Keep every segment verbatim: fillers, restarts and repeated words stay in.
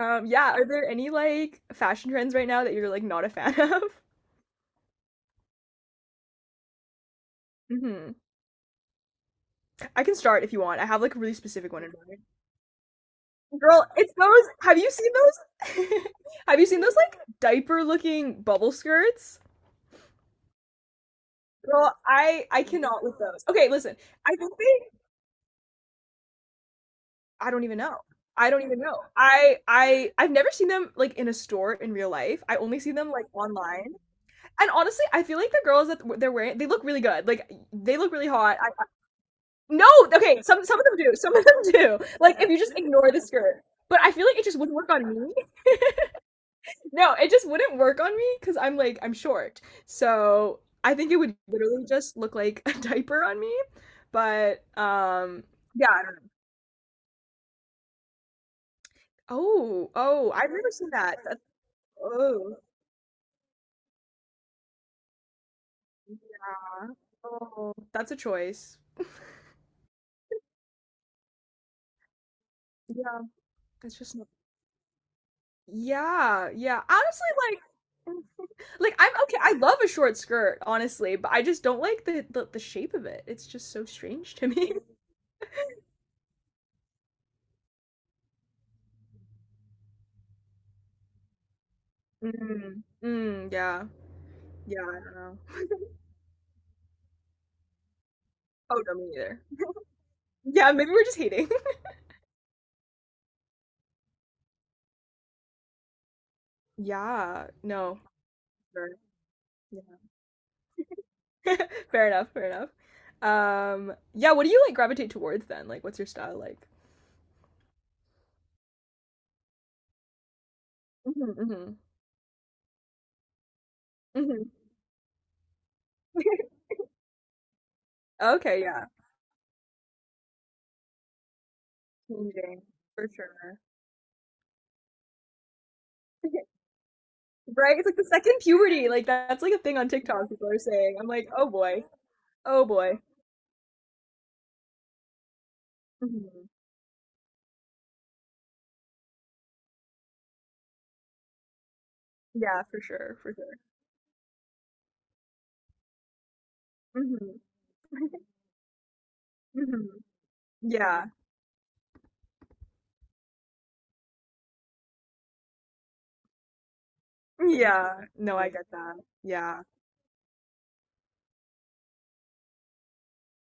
Um, yeah, are there any like fashion trends right now that you're like not a fan of? hmm I can start if you want. I have like a really specific one in mind. Girl, it's those. Have you seen those? Have you seen those like diaper looking bubble skirts? Girl, I I cannot with those. Okay, listen. I think they I don't even know. I don't even know. I I I've never seen them like in a store in real life. I only see them like online. And honestly, I feel like the girls that they're wearing, they look really good. Like they look really hot. No, okay, some some of them do. Some of them do. Like if you just ignore the skirt. But I feel like it just wouldn't work on me. No, it just wouldn't work on me because I'm like I'm short. So I think it would literally just look like a diaper on me. But um yeah, I don't know. Oh, oh, I've never seen that. That's oh. Oh, that's a choice. Yeah, it's just not. Yeah, yeah. Honestly, like like I'm okay, I love a short skirt, honestly, but I just don't like the the, the shape of it. It's just so strange to me. Mm. Mm, yeah. Yeah, I don't know. Oh, no, me neither. Yeah, maybe we're just hating. Yeah, no. Sure. Yeah. Fair enough, fair enough. Um, yeah, what do you like gravitate towards then? Like, what's your style like? Hmm hmm hmm Okay, yeah. Changing, for sure. Right? It's like the second puberty. Like that's like a thing on TikTok people are saying. I'm like, oh boy, oh boy. Hmm Yeah, for sure, for sure. hmm hmm Yeah, yeah. No, I get that. Yeah.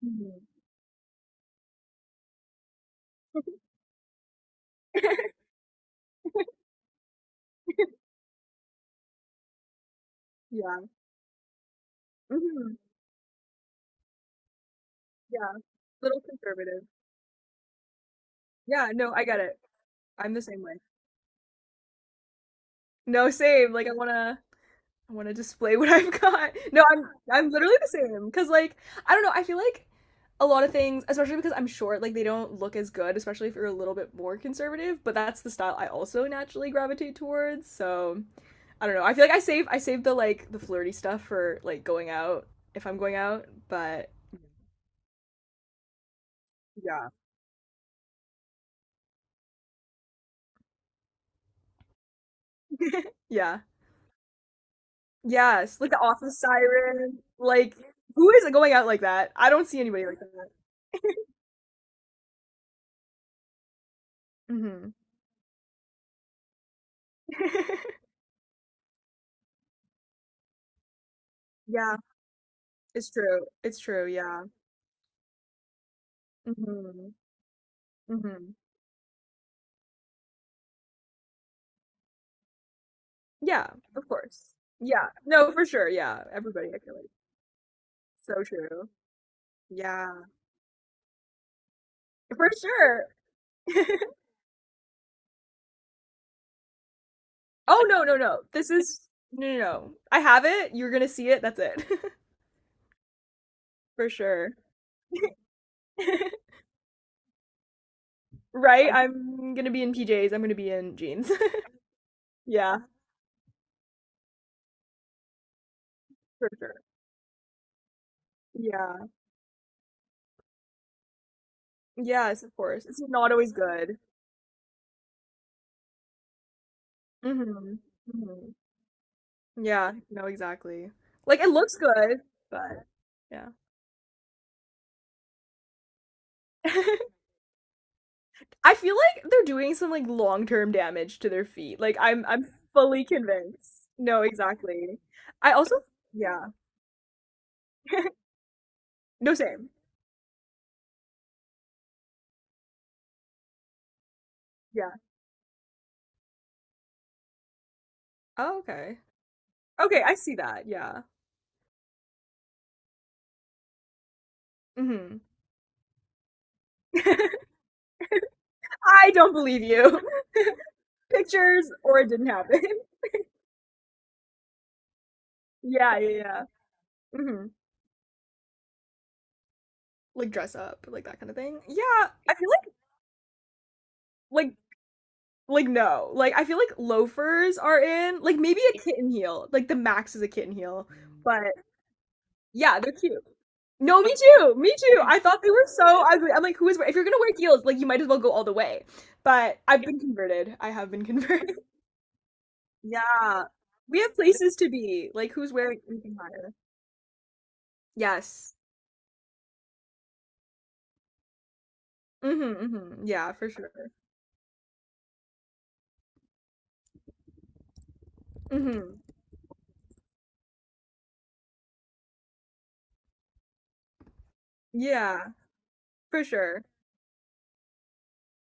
hmm Yeah. hmm Yeah. Little conservative. Yeah, no, I get it. I'm the same way. No, same. Like I wanna I want to display what I've got. No, I'm I'm literally the same cuz like I don't know, I feel like a lot of things, especially because I'm short, like they don't look as good, especially if you're a little bit more conservative, but that's the style I also naturally gravitate towards. So, I don't know. I feel like I save I save the like the flirty stuff for like going out if I'm going out, but yeah. yeah. Yes, like the office siren. Like who is going out like that? I don't see anybody like that. Mhm. yeah, it's true. It's true. Yeah. Mhm, mhm. Yeah, of course. Yeah. No, for sure, yeah. Everybody, I feel like. So true. Yeah. For sure. Oh, no, no, no. This is no, no, no. I have it. You're gonna see it. That's it. For sure. Right? I'm gonna be in P Js. I'm gonna be in jeans. Yeah, for sure. Yeah. Yes, of course. It's not always good. Hmm hmm Yeah, no, exactly. Like it looks good, but yeah. I feel like they're doing some like long-term damage to their feet. Like I'm I'm fully convinced. No, exactly. I also yeah. No, same. Yeah. Oh, okay. Okay, I see that. Yeah. Mhm. I don't believe you. Pictures or it didn't happen. Yeah, yeah, yeah. Mhm. Like dress up, like that kind of thing. Yeah, I feel like like like no. Like I feel like loafers are in. Like maybe a kitten heel. Like the max is a kitten heel. But yeah, they're cute. No, me too. Me too. I thought they were so ugly. I'm like, who is if you're gonna wear heels, like you might as well go all the way. But I've been converted. I have been converted. Yeah. We have places to be. Like who's wearing anything higher? Yes. Mm-hmm, mm-hmm. Yeah, for sure. Mm-hmm. Yeah, for sure.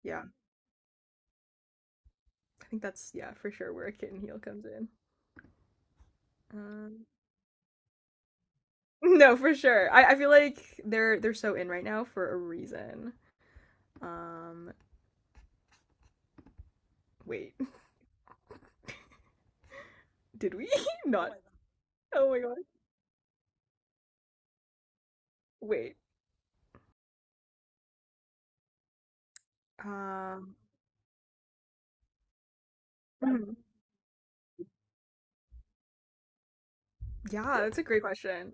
Yeah. I think that's yeah, for sure where a kitten heel comes in. Um No, for sure. I, I feel like they're they're so in right now for a reason. Um wait, did we not? Oh my god. Wait. Um, mhm. Yeah, that's a great question.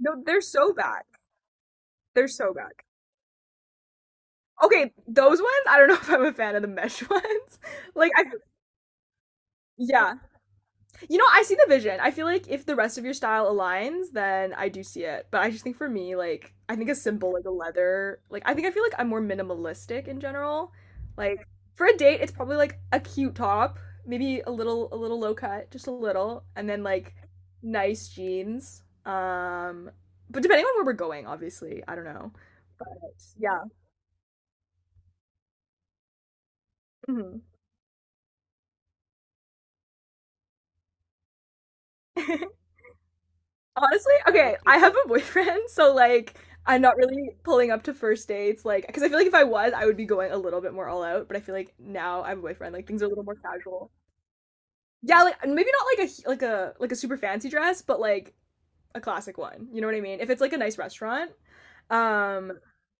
No, they're so back. They're so back. Okay, those ones, I don't know if I'm a fan of the mesh ones. Like I yeah, you know, I see the vision. I feel like if the rest of your style aligns, then I do see it. But I just think for me, like, I think a simple, like a leather, like, I think I feel like I'm more minimalistic in general. Like, for a date, it's probably like a cute top, maybe a little, a little low cut, just a little, and then like nice jeans. Um, but depending on where we're going, obviously, I don't know. But yeah. hmm Honestly, okay, I have a boyfriend, so like I'm not really pulling up to first dates, like because I feel like if I was, I would be going a little bit more all out. But I feel like now I have a boyfriend, like things are a little more casual. Yeah, like maybe not like a like a like a super fancy dress, but like a classic one. You know what I mean? If it's like a nice restaurant, um,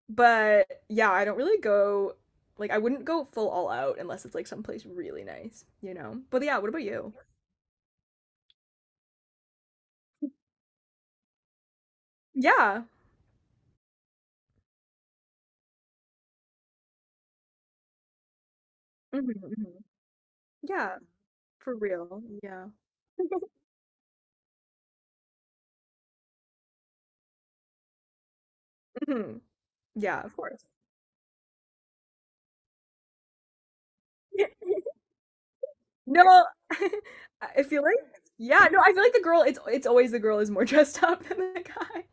but yeah, I don't really go like I wouldn't go full all out unless it's like someplace really nice, you know? But yeah, what about you? Yeah. hmm Yeah, for real. Yeah. Mhm. Yeah, of course. Yeah. No, I feel like yeah, no, I feel like the girl it's it's always the girl is more dressed up than the guy.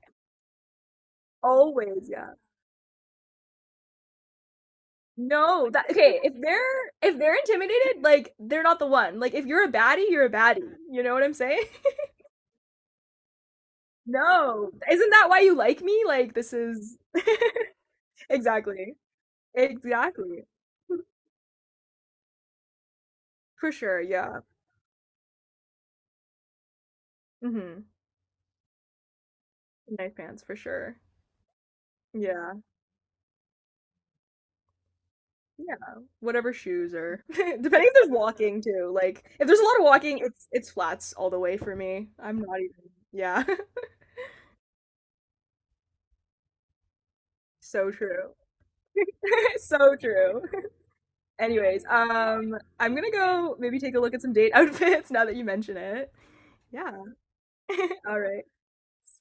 Always, yeah. No, that okay, if they're if they're intimidated, like they're not the one. Like if you're a baddie, you're a baddie. You know what I'm saying? No. Isn't that why you like me? Like this is exactly. Exactly. For sure, yeah. hmm Nice pants for sure. Yeah. Yeah, whatever shoes are. Depending if there's walking too. Like if there's a lot of walking, it's it's flats all the way for me. I'm not even. Yeah. So true. So true. Anyways, um, I'm gonna go maybe take a look at some date outfits now that you mention it. Yeah. All right.